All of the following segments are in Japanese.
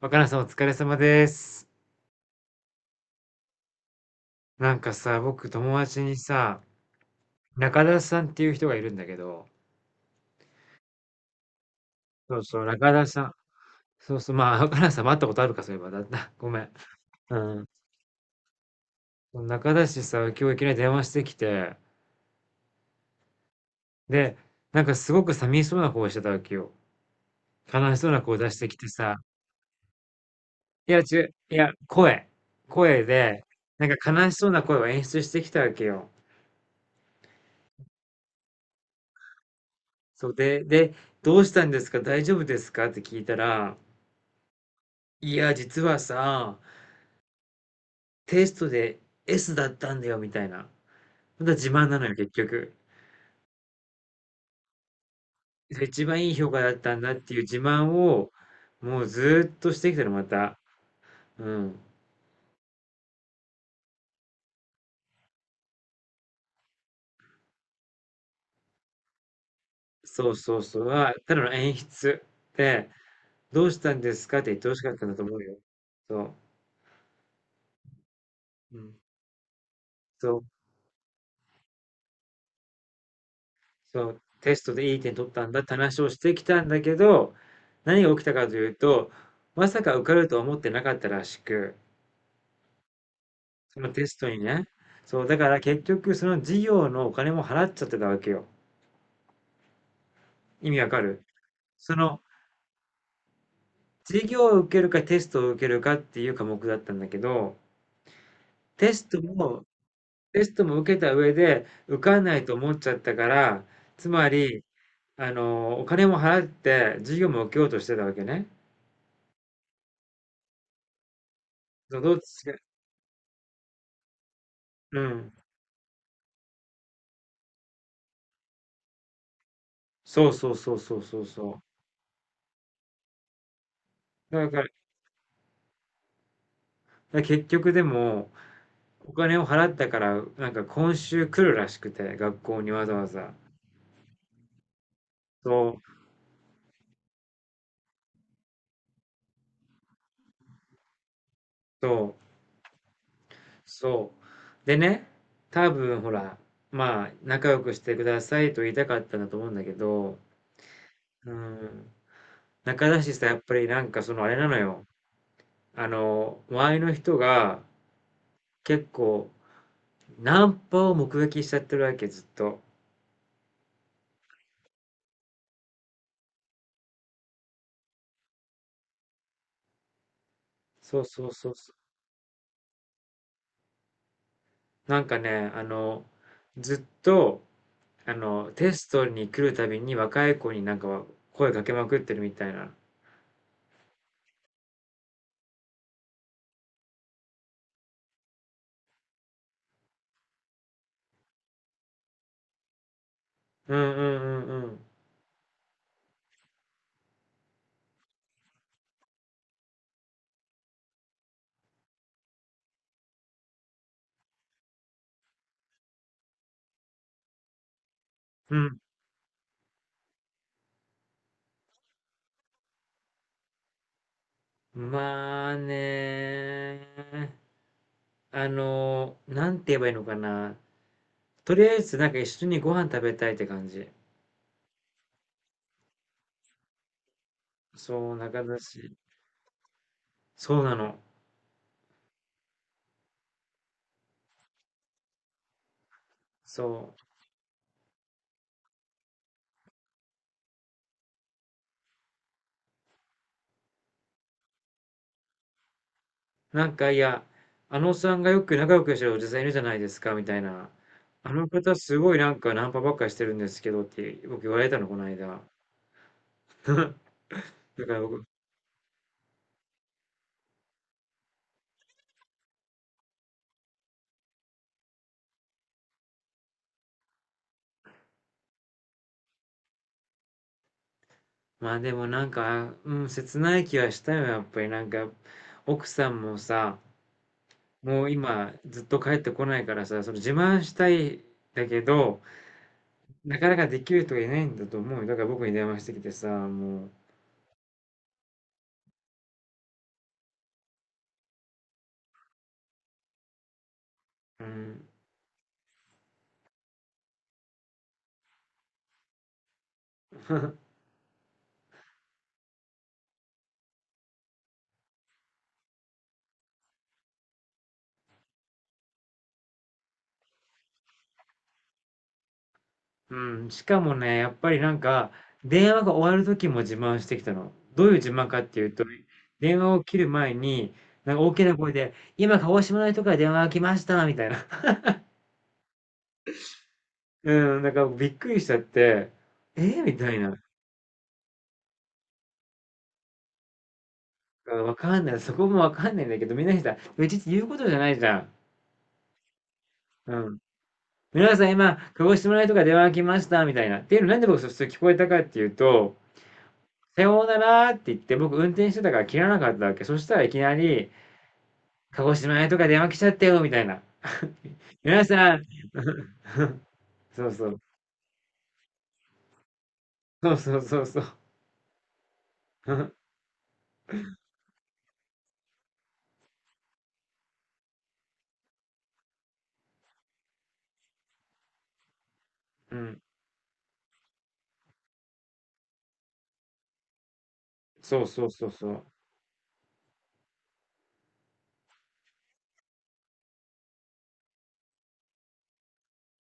若菜さんお疲れ様です。なんかさ、僕友達にさ、中田さんっていう人がいるんだけど、そうそう、中田さん。そうそう、まあ、若菜さんも会ったことあるか、そういえば。だった。ごめん。うん。中田氏さ、今日いきなり電話してきて、で、なんかすごく寂しそうな顔してたわけよ。悲しそうな顔出してきてさ、いや、声。声で、なんか悲しそうな声を演出してきたわけよ。そうで、で、どうしたんですか大丈夫ですかって聞いたら、いや、実はさ、テストで S だったんだよみたいな。また自慢なのよ、結局。で一番いい評価だったんだっていう自慢を、もうずーっとしてきたの、また。うん。そうそうそう。は、ただの演出で、「どうしたんですか？」って言って欲しかったんだと思うよ。そう。うん。そう、そう、テストでいい点取ったんだって話をしてきたんだけど、何が起きたかというと、まさか受かるとは思ってなかったらしくそのテストにね。そう、だから結局その事業のお金も払っちゃってたわけよ。意味わかるその授業を受けるかテストを受けるかっていう科目だったんだけど、テストも、テストも受けた上で受かんないと思っちゃったから、つまり、お金も払って授業も受けようとしてたわけね。そうどっちが、うん。そうそうそうそうそうそう。だから結局でも、お金を払ったから、なんか今週来るらしくて、学校にわざわざ。そう、そう、そう。でね、多分ほら、まあ、仲良くしてくださいと言いたかったんだと思うんだけど、うん、仲だしさ、やっぱりなんかそのあれなのよ。周りの人が結構、ナンパを目撃しちゃってるわけ、ずっと。そうそうそうそう。なんかね、あの、ずっと、あの、テストに来るたびに若い子になんか声かけまくってるみたいな。うんうんうんうん。まあね、なんて言えばいいのかな。とりあえずなんか一緒にご飯食べたいって感じ。そう、仲だし。そうなの。そう。なんかいや、あのおっさんがよく仲良くしてるおじさんいるじゃないですか、みたいな。あの方すごいなんかナンパばっかりしてるんですけどって僕言われたの、この間。だから僕、まあでもなんか、うん、切ない気はしたよ、やっぱりなんか、奥さんもさ、もう今ずっと帰ってこないからさ、その自慢したいんだけど、なかなかできる人がいないんだと思うよ。だから僕に電話してきてさ、もう、うん、うん、しかもね、やっぱりなんか、電話が終わる時も自慢してきたの。どういう自慢かっていうと、電話を切る前に、なんか大きな声で、今鹿児島の人から電話が来ました、みたいな。うん、なんかびっくりしちゃって、えーみたいな。わかんない。そこもわかんないんだけど、みんなにさ、うちって言うことじゃないじゃん。うん。皆さん今、鹿児島とか電話が来ました、みたいな。っていうのなんで僕そして聞こえたかっていうと、さようならって言って僕運転してたから切らなかったわけ。そしたらいきなり、鹿児島とか電話来ちゃったよ、みたいな。皆さん、そうそう、そうそうそうそう。うん、そうそうそうそう。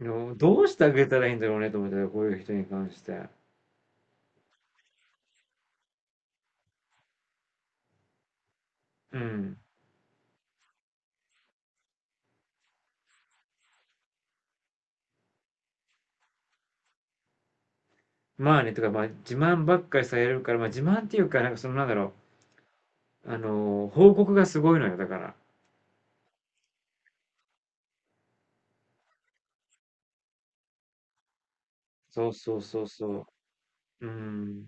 でもどうしてあげたらいいんだろうねと思ったらこういう人に関して。うん。まあね、とか、まあ自慢ばっかりされるから、まあ自慢っていうか、なんかそのなんだろう、報告がすごいのよ、だから。そうそうそうそう。うん。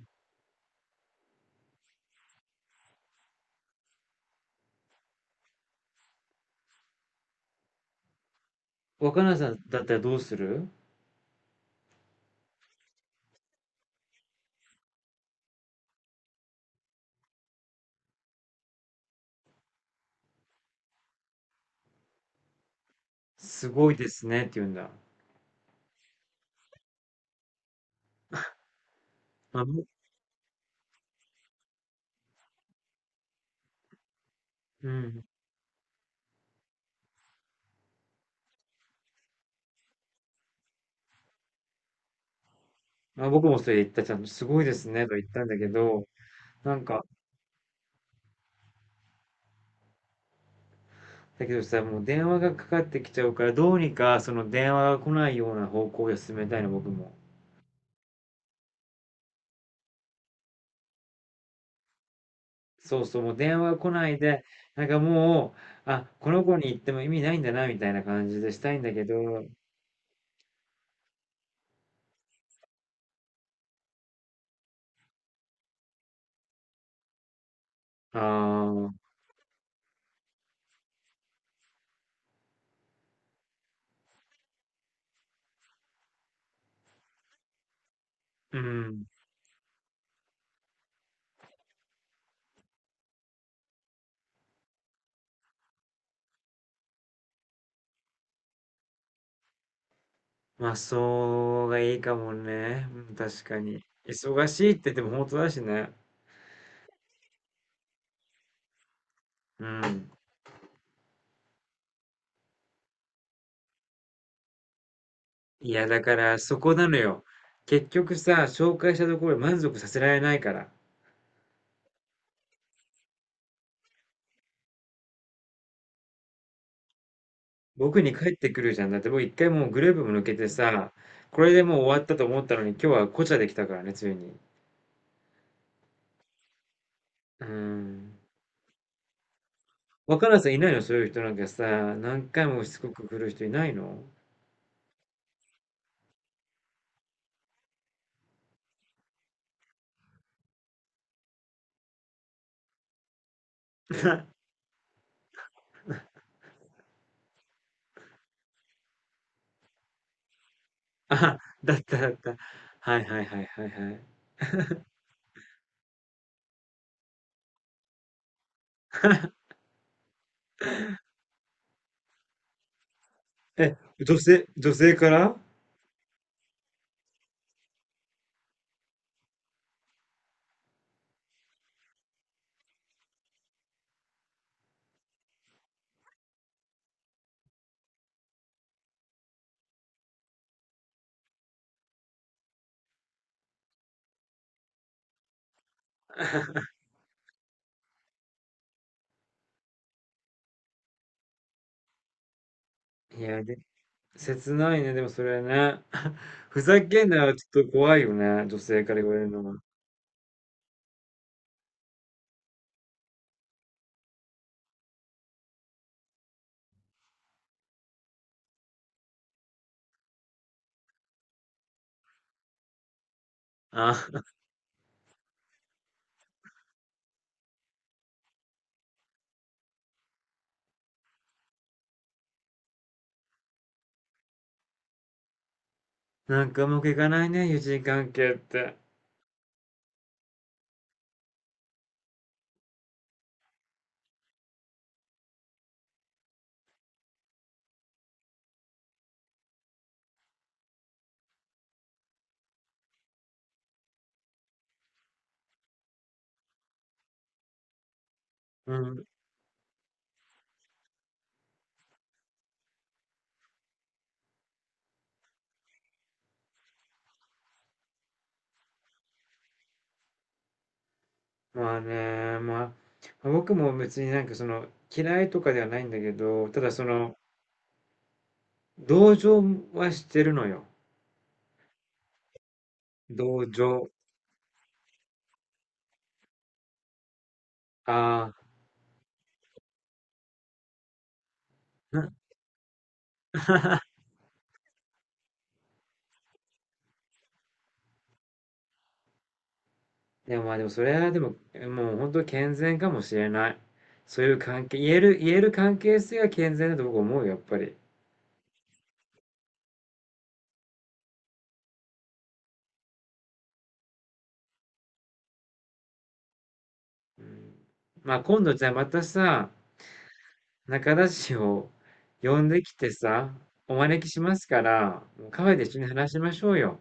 若菜さんだったらどうするすごいですねって言うんだ。まあ、ぼうん。まあ、僕もそれ言った、ちゃんとすごいですねと言ったんだけど、なんか、だけどさ、もう電話がかかってきちゃうから、どうにかその電話が来ないような方向で進めたいの、僕も。そうそう、もう電話が来ないで、なんかもう、あ、この子に言っても意味ないんだな、みたいな感じでしたいんだけど、ああ、うん。まあ、そうがいいかもね。うん、確かに。忙しいって言っても本当だしね。うん。いや、だからそこなのよ。結局さ、紹介したところで満足させられないから。僕に帰ってくるじゃん。だって僕一回もうグループも抜けてさ、これでもう終わったと思ったのに今日はこちゃできたからね、ついに。うーん。若菜さんいないのそういう人なんかさ、何回もしつこく来る人いないの あ、だっただった。はいはいはいはいはい。え、女性から いや、で切ないね、でもそれね。ふざけんなよ、ちょっと怖いよね、女性から言われるのは。あ、なんかうまくいかないね、友人関係って。うん。まあ僕も別になんかその、嫌いとかではないんだけど、ただその、同情はしてるのよ。同情。ああ。でもそれはでも、もう本当健全かもしれない。そういう関係、言える、言える関係性が健全だと僕思うよ、やっぱり。まあ今度じゃあまたさ、仲田氏を呼んできてさ、お招きしますから、もうカフェで一緒に話しましょうよ。